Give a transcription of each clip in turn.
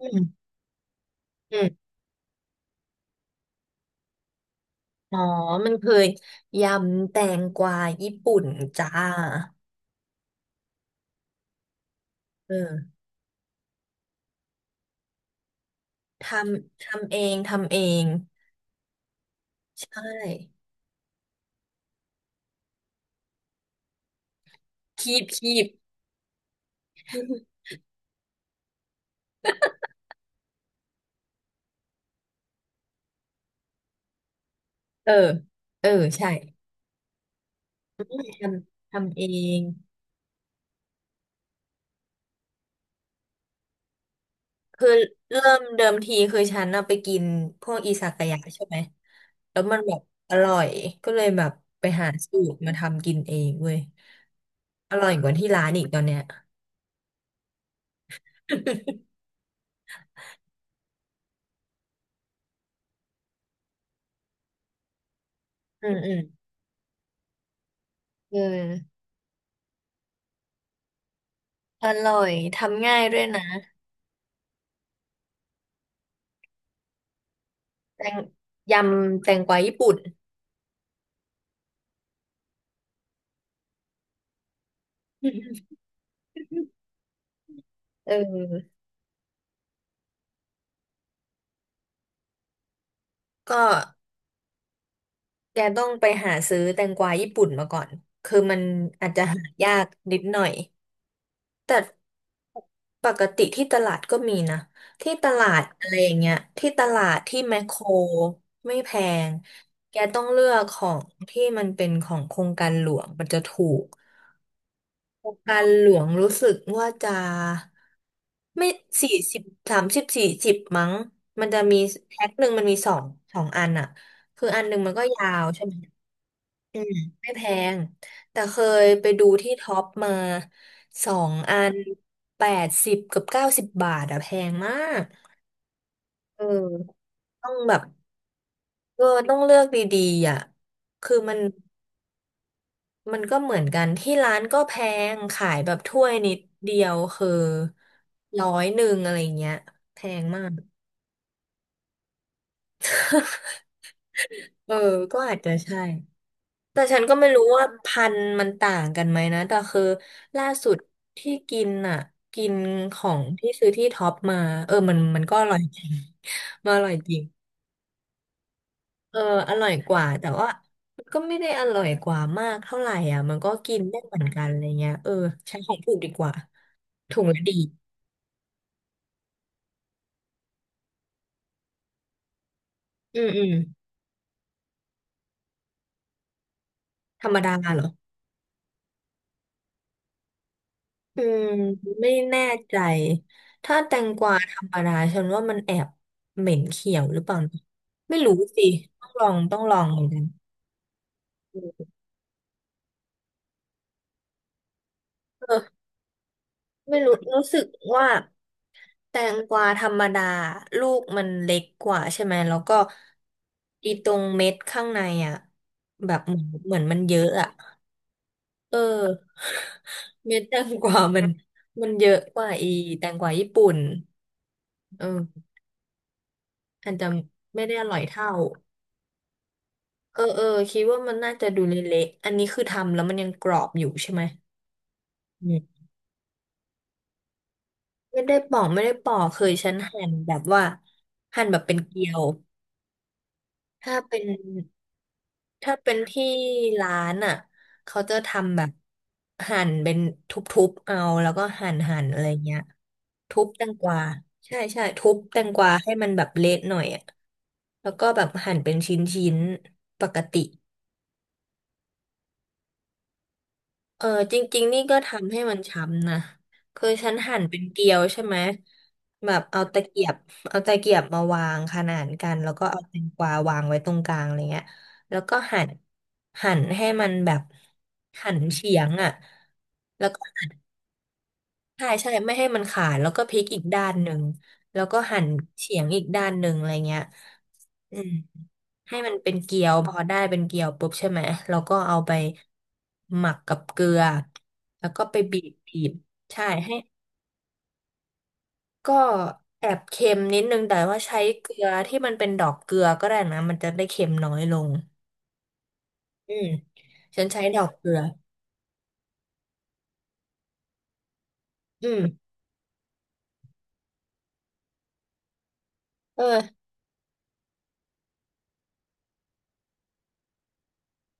อืมอืมอ๋อมันคือยำแตงกวาญี่ปุ่นจ้าเออทำทำเองใช่คีบเออเออใช่ทำทำเองคือเริ่มเดิมทีคือฉันน่ะไปกินพวกอิซากายะใช่ไหมแล้วมันแบบอร่อยก็เลยแบบไปหาสูตรมาทำกินเองเว้ยอร่อยกว่าที่ร้านอีกตอนเนี้ย อืมอืมเอออร่อยทำง่ายด้วยนะ แตงยำแตงกวาญี่ปุ่นเออก็แกต้องไปหาซื้อแตงกวาญี่ปุ่นมาก่อนคือมันอาจจะหายากนิดหน่อยแต่ปกติที่ตลาดก็มีนะที่ตลาดอะไรอย่างเงี้ยที่ตลาดที่แมคโครไม่แพงแกต้องเลือกของที่มันเป็นของโครงการหลวงมันจะถูก การหลวงรู้สึกว่าจะไม่สี่สิบ30-40มั้งมันจะมีแพ็คหนึ่งมันมีสองอันอ่ะคืออันหนึ่งมันก็ยาวใช่ไหมอืมไม่แพงแต่เคยไปดูที่ท็อปมาสองอัน80 กับ 90 บาทอะแพงมากเออต้องแบบเออต้องเลือกดีๆอ่ะคือมัน มันก็เหมือนกันที่ร้านก็แพงขายแบบถ้วยนิดเดียวคือร้อยหนึ่งอะไรเงี้ยแพงมากเออก็อาจจะใช่แต่ฉันก็ไม่รู้ว่าพันธุ์มันต่างกันไหมนะแต่คือล่าสุดที่กินอ่ะกินของที่ซื้อที่ท็อปมาเออมันก็อร่อยจริง มันอร่อยจริงเอออร่อยกว่าแต่ว่ามันก็ไม่ได้อร่อยกว่ามากเท่าไหร่อ่ะมันก็กินได้เหมือนกันอะไรเงี้ยเออใช้ของถูกดีกว่าถุงละดีอืมอืม ธรรมดาเหรออืมไม่แน่ใจ ถ้าแตงกวาธรรมดาฉันว่ามันแอบเหม็นเขียวหรือเปล่านะไม่รู้สิต้องลองเหมือนกันเออไม่รู้รู้สึกว่าแตงกวาธรรมดาลูกมันเล็กกว่าใช่ไหมแล้วก็อีตรงเม็ดข้างในอ่ะแบบเหมือนเหมือนมันเยอะอ่ะเออเม็ดแตงกวามันเยอะกว่าอีแตงกวาญี่ปุ่นเอออาจจะไม่ได้อร่อยเท่า เออเออคิดว่ามันน่าจะดูเละๆ อันนี้คือทำแล้วมันยังกรอบอยู่ใช่ไหมอืมไม่ได้ปอกเคยฉันหั่นแบบว่าหั่นแบบเป็นเกลียวถ้าเป็นถ้าเป็นที่ร้านอ่ะเขาจะทำแบบหั่นเป็นทุบๆเอาแล้วก็หั่นหั่นอะไรเงี้ยทุบแตงกวาใช่ใช่ทุบแตงกวาให้มันแบบเละหน่อยอ่ะแล้วก็แบบหั่นเป็นชิ้นๆปกติ เออจริงๆนี่ก็ทำให้มันช้ำนะคือฉันหั่นเป็นเกลียวใช่ไหมแบบเอาตะเกียบเอาตะเกียบมาวางขนานกันแล้วก็เอาแตงกวาวางไว้ตรงกลางอะไรเงี้ยแล้วก็หั่นหั่นให้มันแบบหั่นเฉียงอ่ะแล้วก็ ใช่ใช่ไม่ให้มันขาดแล้วก็พลิกอีกด้านหนึ่งแล้วก็หั่นเฉียงอีกด้านหนึ่งอะไรเงี้ยอืมให้มันเป็นเกี๊ยวพอได้เป็นเกี๊ยวปุ๊บใช่ไหมเราก็เอาไปหมักกับเกลือแล้วก็ไปบีบบีบใช่ให้ก็แอบเค็มนิดนึงแต่ว่าใช้เกลือที่มันเป็นดอกเกลือก็ได้นะมันจะได้เค็มน้อยลงอืมฉันใช้ดอกเกลืออืมเออ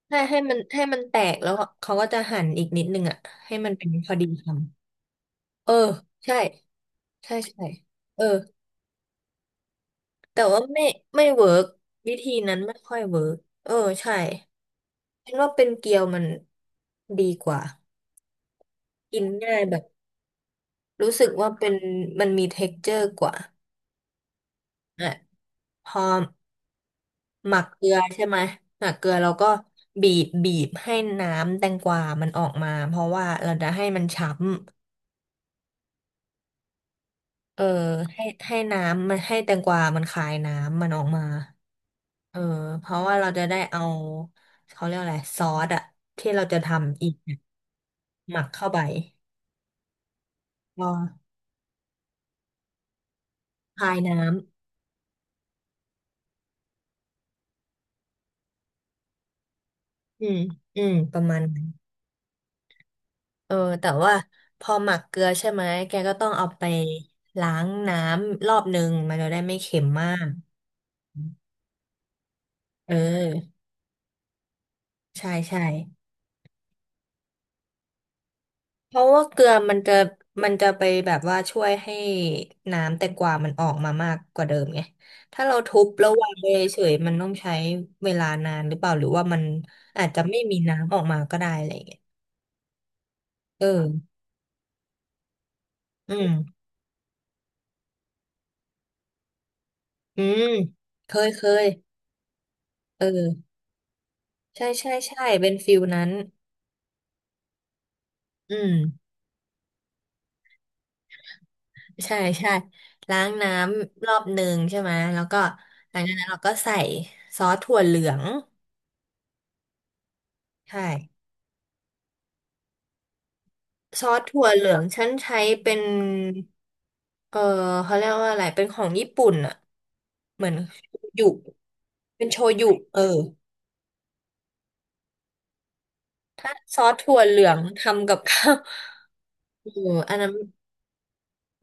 ให้ให้มันให้มันแตกแล้วเขาก็จะหั่นอีกนิดนึงอ่ะให้มันเป็นพอดีค เออใช่ใช่ใช่เออแต่ว่าไม่เวิร์กวิธีนั้นไม่ค่อยเวิร์กเออใช่ฉันว่าเป็นเกียวมันดีกว่ากินง่ายแบบรู้สึกว่าเป็นมันมีเท็กเจอร์กว่าอ่ะพอหมักเกลือใช่ไหมหมักเกลือเราก็บีบบีบให้น้ำแตงกวามันออกมาเพราะว่าเราจะให้มันฉ่ำเออให้ให้น้ำมันให้แตงกวามันคายน้ำมันออกมา เออเพราะว่าเราจะได้เอาเขาเรียกอะไรซอสอะที่เราจะทำอีกเนี่ยหมักเข้าไปก็พายน้ำอืมอืมประมาณนั้นเออแต่ว่าพอหมักเกลือใช่ไหมแกก็ต้องเอาไปล้างน้ำรอบนึงมันจะได้ไม่เค็มมากเออใช่ใช่ เพราะว่าเกลือมันจะมันจะไปแบบว่าช่วยให้น้ำแตงกวามันออกมามากกว่าเดิมไงถ้าเราทุบแล้ววางไปเฉยมันต้องใช้เวลานานหรือเปล่าหรือว่ามันอาจจะไม่มีน้ำออกมาก็ได้อะไรอย่างเงี้ยเอออืมอืมเคยเออใช่ใช่ใช่เป็นฟิลนั้นอืมใช่ใช่ล้างน้ำรอบหนึ่งใช่ไหมแล้วก็หลังจากนั้นเราก็ใส่ซอสถั่วเหลืองใช่ ซอสถั่วเหลืองฉันใช้เป็น เออเขาเรียกว่าอะไรเป็นของญี่ปุ่นอะเหมือนโชยุเป็นโชยุเออซอสถั่วเหลืองทำกับข้าว เอออันนั้น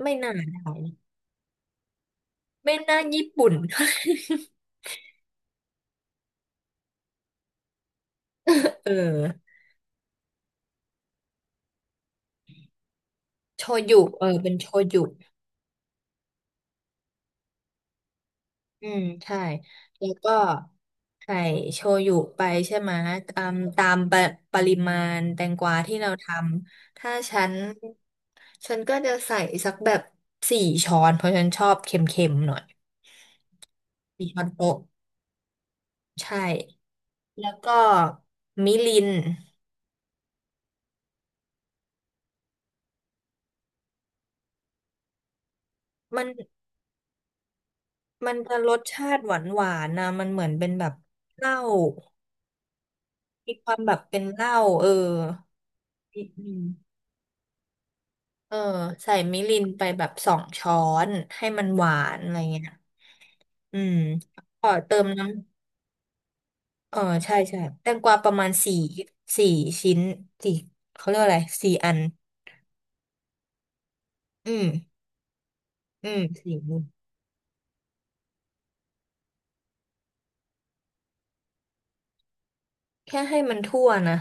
ไม่น่าได้นะไม่น่าญี่ปุ่น เออโชยุเออเป็นโชยุ อืมใช่แล้วก็ไข่โชยุไปใช่ไหมอืมตามปะปริมาณแตงกวาที่เราทำถ้าฉันฉันก็จะใส่สักแบบสี่ช้อนเพราะฉันชอบเค็มๆหน่อย4 ช้อนโต๊ะใช่แล้วก็มิรินมันมันจะรสชาติหวานหวานนะมันเหมือนเป็นแบบเหล้ามีความแบบเป็นเหล้าเออนิดนึง เออใส่มิรินไปแบบสองช้อนให้มันหวานอะไรเงี้ยอืมกอเติมน้ำ เออใช่ใช่แตงกวาประมาณสี่สี่ชิ้นสี่เขาเรียกว่าอะไรสี่อันอืมอืมสี่อันแค่ให้มันทั่วนะ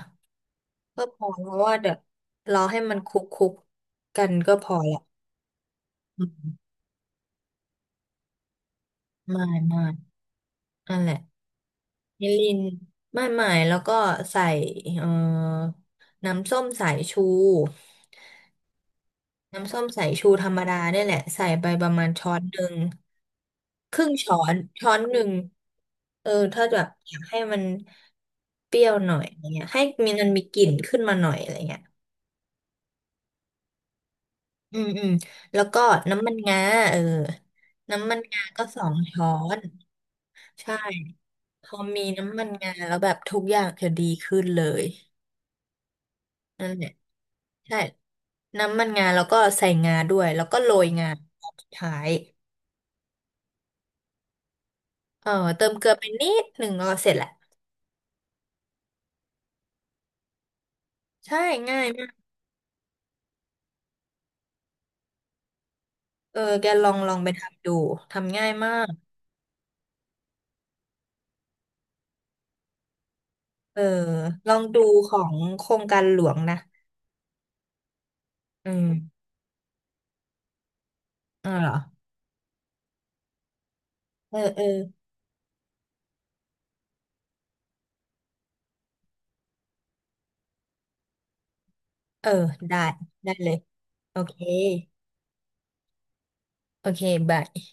ก็พอเพราะว่าเดี๋ยวรอให้มันคลุกคุกกันก็พอละอืมไม่นั่นแหละมิรินไม่แล้วก็ใส่เออน้ำส้มสายชู น้ำส้มสายชูธรรมดาเนี่ยแหละใส่ไปประมาณช้อนหนึ่งครึ่งช้อนช้อนหนึ่งเออถ้าแบบอยากให้มันเปรี้ยวหน่อยอะไรเงี้ยให้มีมันมีกลิ่นขึ้นมาหน่อยอะไรเงี้ยอืมอืมแล้วก็น้ำมันงาเออน้ำมันงาก็สองช้อนใช่พอมีน้ำมันงาแล้วแบบทุกอย่างจะดีขึ้นเลยนั่นแหละใช่น้ำมันงาแล้วก็ใส่งาด้วยแล้วก็โรยงาตอนสุดท้าย เออเติมเกลือไปนิดหนึ่งก็เสร็จแหละใช่ง่ายมากเออแกลองลองไปทำดูทำง่ายมากเออลองดูของโครงการหลวงนะอืมเออเหรอเออเออเออได้ได้เลยโอเคโอเคบาย